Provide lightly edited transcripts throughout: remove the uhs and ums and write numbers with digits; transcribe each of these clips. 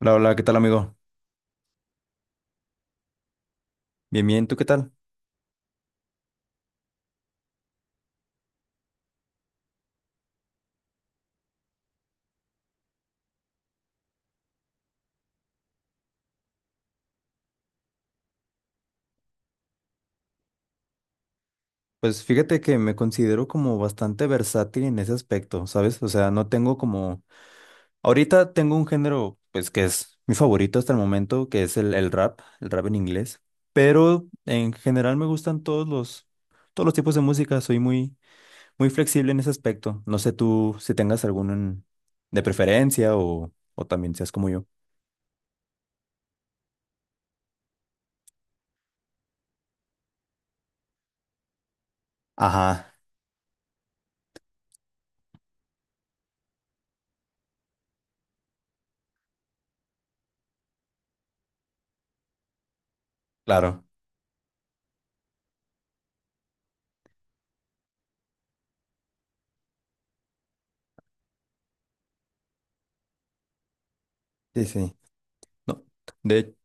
Hola, hola, ¿qué tal, amigo? Bien, bien, ¿tú qué tal? Pues fíjate que me considero como bastante versátil en ese aspecto, ¿sabes? O sea, no tengo como. Ahorita tengo un género, pues, que es mi favorito hasta el momento, que es el rap en inglés. Pero en general me gustan todos los tipos de música, soy muy, muy flexible en ese aspecto. No sé tú si tengas alguno de preferencia o también seas como yo. Ajá, claro. Sí, sí. No. de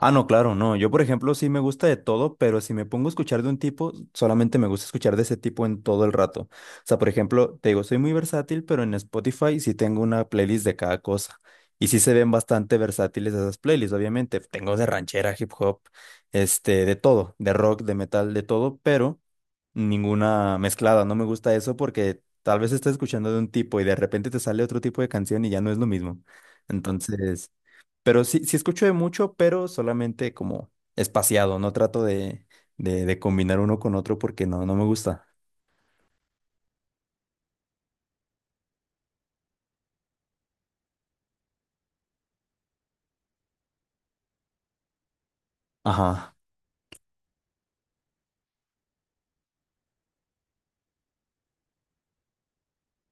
Ah, no, claro, no. Yo, por ejemplo, sí me gusta de todo, pero si me pongo a escuchar de un tipo, solamente me gusta escuchar de ese tipo en todo el rato. O sea, por ejemplo, te digo, soy muy versátil, pero en Spotify sí tengo una playlist de cada cosa. Y sí se ven bastante versátiles esas playlists, obviamente. Tengo de ranchera, hip hop, de todo, de rock, de metal, de todo, pero ninguna mezclada. No me gusta eso porque tal vez estás escuchando de un tipo y de repente te sale otro tipo de canción y ya no es lo mismo. Entonces. Pero sí, sí escucho de mucho, pero solamente como espaciado. No trato de, de combinar uno con otro porque no, no me gusta. Ajá,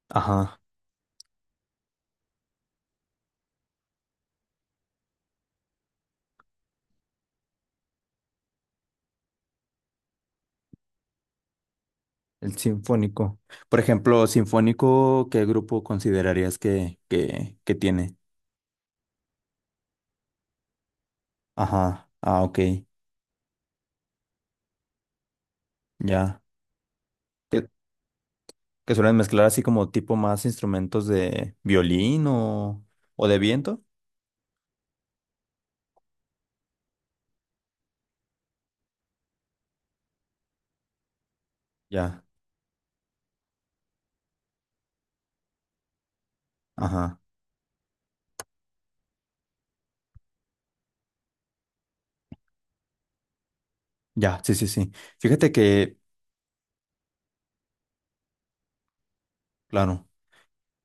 ajá. El sinfónico. Por ejemplo, sinfónico, ¿qué grupo considerarías que, que tiene? Ajá. Ah, ok. Ya. Que, que suelen mezclar así como tipo más instrumentos de violín o de viento. Ya. Ajá. Ya. Sí, sí, sí. Fíjate que, claro.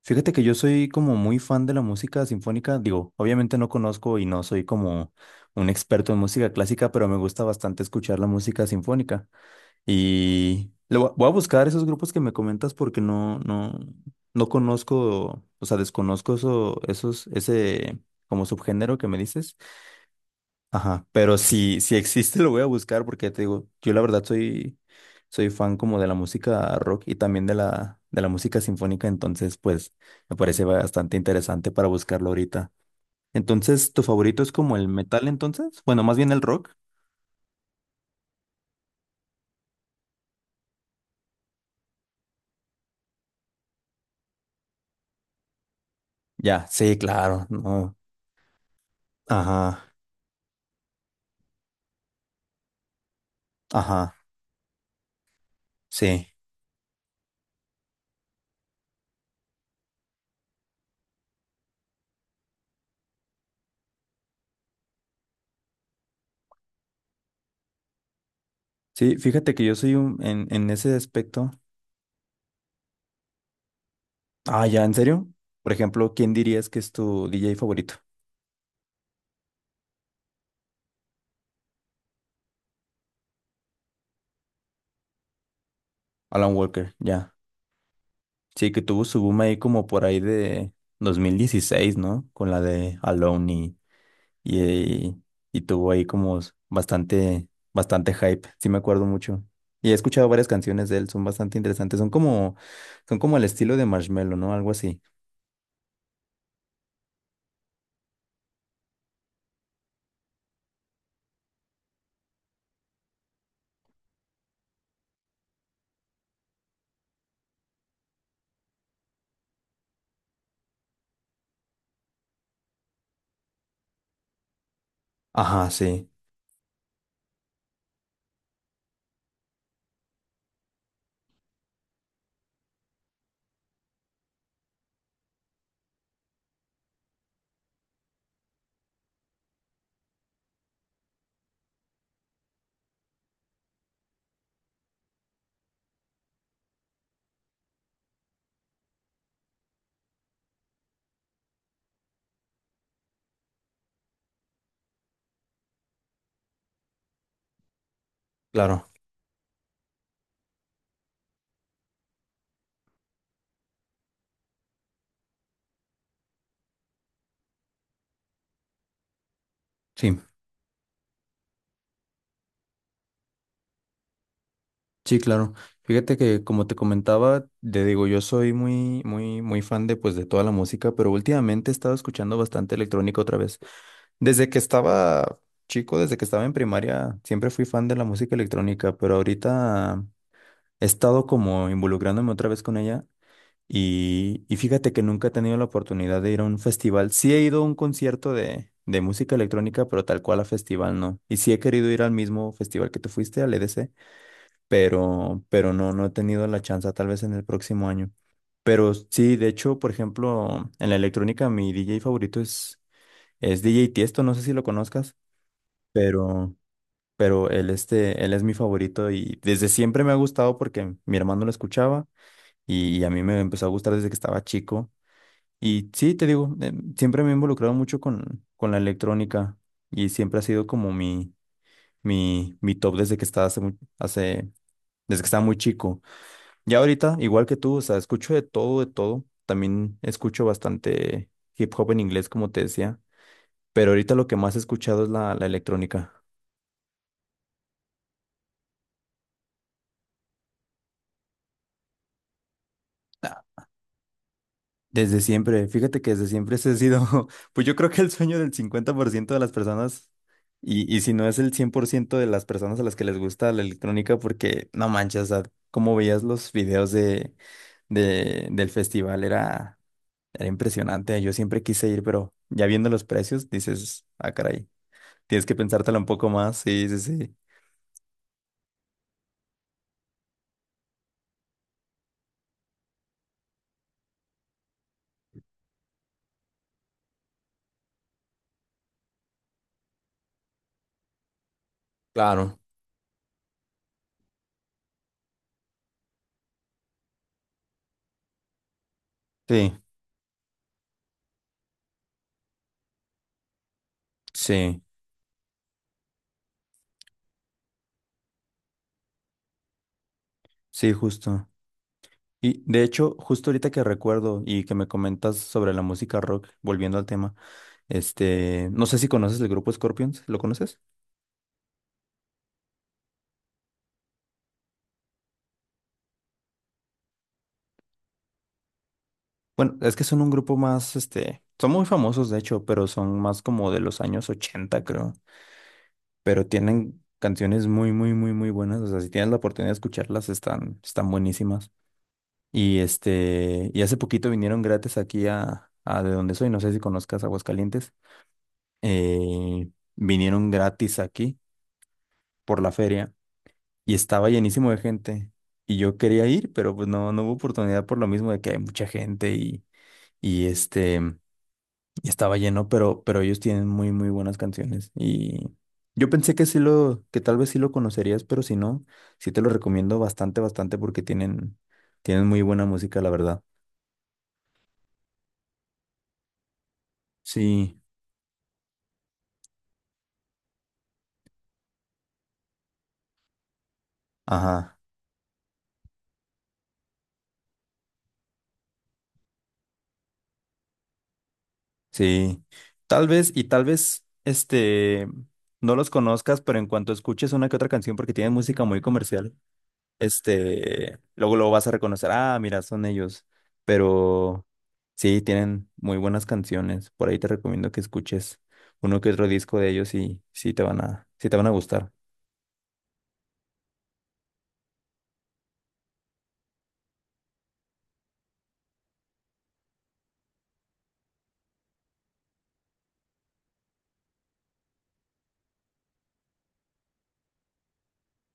Fíjate que yo soy como muy fan de la música sinfónica. Digo, obviamente no conozco y no soy como un experto en música clásica, pero me gusta bastante escuchar la música sinfónica. Y le voy a buscar esos grupos que me comentas porque no conozco, o sea, desconozco eso, esos, ese como subgénero que me dices. Ajá, pero si existe lo voy a buscar porque te digo, yo la verdad soy fan como de la música rock y también de la música sinfónica, entonces pues me parece bastante interesante para buscarlo ahorita. Entonces, ¿tu favorito es como el metal entonces? Bueno, más bien el rock. Ya, sí, claro, no. Ajá, ajá, sí. Sí, fíjate que yo soy en ese aspecto. Ah, ya, ¿en serio? Por ejemplo, ¿quién dirías que es tu DJ favorito? Alan Walker, ya. Sí, que tuvo su boom ahí como por ahí de 2016, ¿no? Con la de Alone y, y tuvo ahí como bastante, bastante hype, sí me acuerdo mucho. Y he escuchado varias canciones de él, son bastante interesantes, son como el estilo de Marshmello, ¿no? Algo así. Ajá, sí, claro, sí, sí, claro. Fíjate que como te comentaba, te digo, yo soy muy, muy, muy fan de pues de toda la música, pero últimamente he estado escuchando bastante electrónica otra vez. Desde que estaba chico, desde que estaba en primaria, siempre fui fan de la música electrónica, pero ahorita he estado como involucrándome otra vez con ella y fíjate que nunca he tenido la oportunidad de ir a un festival. Sí he ido a un concierto de música electrónica, pero tal cual a festival no. Y sí he querido ir al mismo festival que tú fuiste, al EDC, pero no, no he tenido la chance, tal vez en el próximo año. Pero sí, de hecho, por ejemplo, en la electrónica mi DJ favorito es DJ Tiesto, no sé si lo conozcas pero, pero él es mi favorito y desde siempre me ha gustado porque mi hermano lo escuchaba y a mí me empezó a gustar desde que estaba chico. Y sí, te digo, siempre me he involucrado mucho con la electrónica y siempre ha sido como mi top hace, desde que estaba muy chico. Ya ahorita, igual que tú, o sea, escucho de todo, de todo. También escucho bastante hip hop en inglés, como te decía, pero ahorita lo que más he escuchado es la electrónica. Desde siempre, fíjate que desde siempre ese ha sido, pues yo creo que el sueño del 50% de las personas, y si no es el 100% de las personas a las que les gusta la electrónica, porque no manches, o sea, como veías los videos del festival, era impresionante, yo siempre quise ir, pero ya viendo los precios, dices, ah, caray, tienes que pensártela un poco más, sí, sí, sí. Claro. Sí, sí, sí, justo. Y de hecho, justo ahorita que recuerdo y que me comentas sobre la música rock, volviendo al tema, no sé si conoces el grupo Scorpions, ¿lo conoces? Bueno, es que son un grupo más, son muy famosos de hecho, pero son más como de los años 80 creo. Pero tienen canciones muy, muy, muy, muy buenas. O sea, si tienes la oportunidad de escucharlas, están buenísimas. Y hace poquito vinieron gratis aquí a de donde soy, no sé si conozcas Aguascalientes. Eh, Vinieron gratis aquí por la feria y estaba llenísimo de gente. Y yo quería ir, pero pues no, no hubo oportunidad por lo mismo de que hay mucha gente y este, y estaba lleno, pero ellos tienen muy, muy buenas canciones. Y yo pensé que tal vez sí lo conocerías, pero si no, sí te lo recomiendo bastante, bastante porque tienen muy buena música, la verdad. Sí, ajá, sí. Tal vez, no los conozcas, pero en cuanto escuches una que otra canción, porque tienen música muy comercial luego lo vas a reconocer, ah, mira, son ellos, pero sí, tienen muy buenas canciones, por ahí te recomiendo que escuches uno que otro disco de ellos y sí te van a, gustar.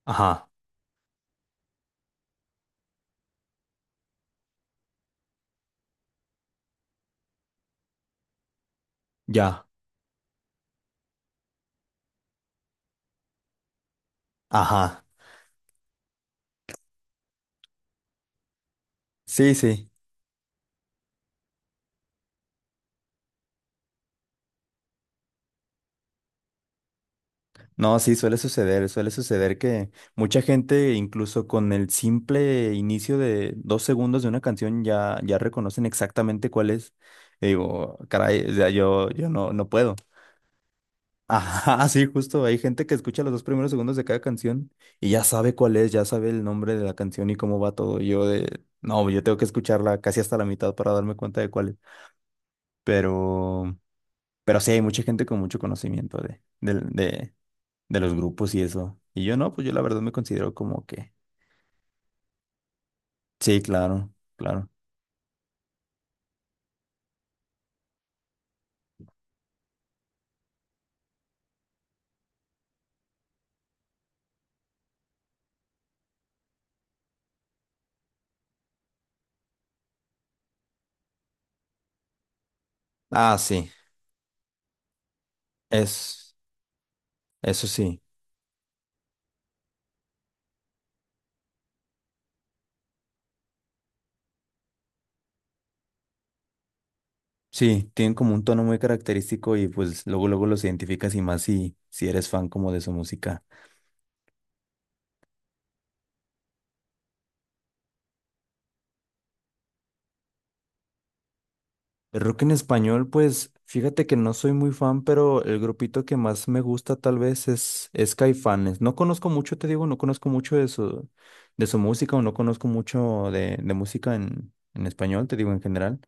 Ajá, ya, ajá. Sí, sí. No, sí, suele suceder que mucha gente, incluso con el simple inicio de 2 segundos de una canción, ya, ya reconocen exactamente cuál es. Y digo, caray, o sea, yo no, no puedo. Ajá, sí, justo. Hay gente que escucha los 2 primeros segundos de cada canción y ya sabe cuál es, ya sabe el nombre de la canción y cómo va todo. No, yo tengo que escucharla casi hasta la mitad para darme cuenta de cuál es. Pero, pero sí, hay mucha gente con mucho conocimiento de los grupos y eso. Y yo no, pues yo la verdad me considero como que, sí, claro, claro. Ah, sí, es, eso sí. Sí, tienen como un tono muy característico y pues luego luego los identificas y más si eres fan como de su música. El rock en español, pues fíjate que no soy muy fan, pero el grupito que más me gusta tal vez es Caifanes. No conozco mucho, te digo, no conozco mucho de su música o no conozco mucho de música en español, te digo en general,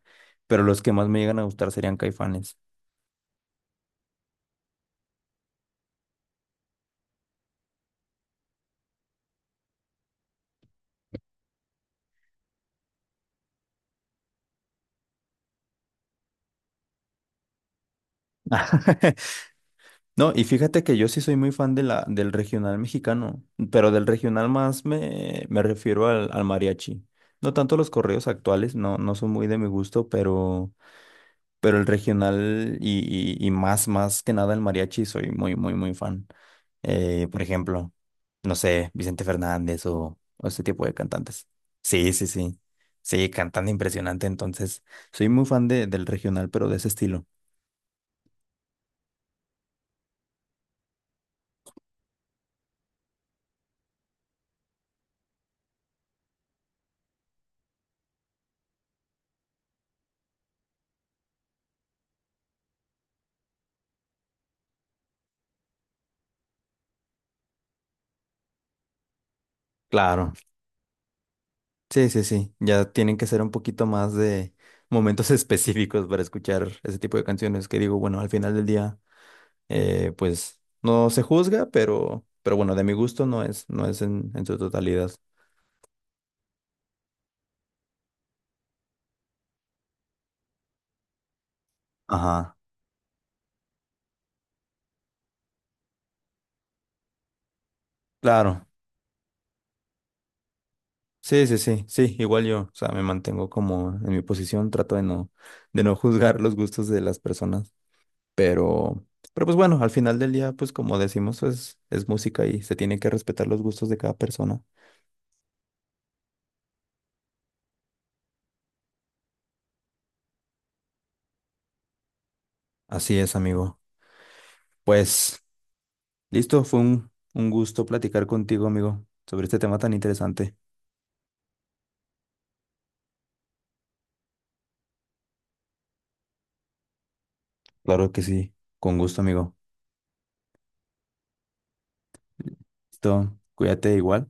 pero los que más me llegan a gustar serían Caifanes. No, y fíjate que yo sí soy muy fan del regional mexicano, pero del regional más me refiero al mariachi. No tanto los correos actuales, no, no son muy de mi gusto, pero. Pero el regional y más, más que nada el mariachi, soy muy, muy, muy fan. Por ejemplo, no sé, Vicente Fernández o ese tipo de cantantes. Sí, sí, sí. Sí, cantando impresionante. Entonces, soy muy fan del regional, pero de ese estilo. Claro. Sí, sí, sí. Ya tienen que ser un poquito más de momentos específicos para escuchar ese tipo de canciones que digo, bueno, al final del día, pues no se juzga, pero bueno, de mi gusto no es en su totalidad. Ajá, claro. Sí, sí, sí, sí, igual yo, o sea, me mantengo como en mi posición, trato de no juzgar los gustos de las personas, pero, pero pues bueno, al final del día, pues como decimos, es música y se tienen que respetar los gustos de cada persona. Así es, amigo. Pues, listo, fue un gusto platicar contigo, amigo, sobre este tema tan interesante. Claro que sí, con gusto, amigo. Listo, cuídate igual.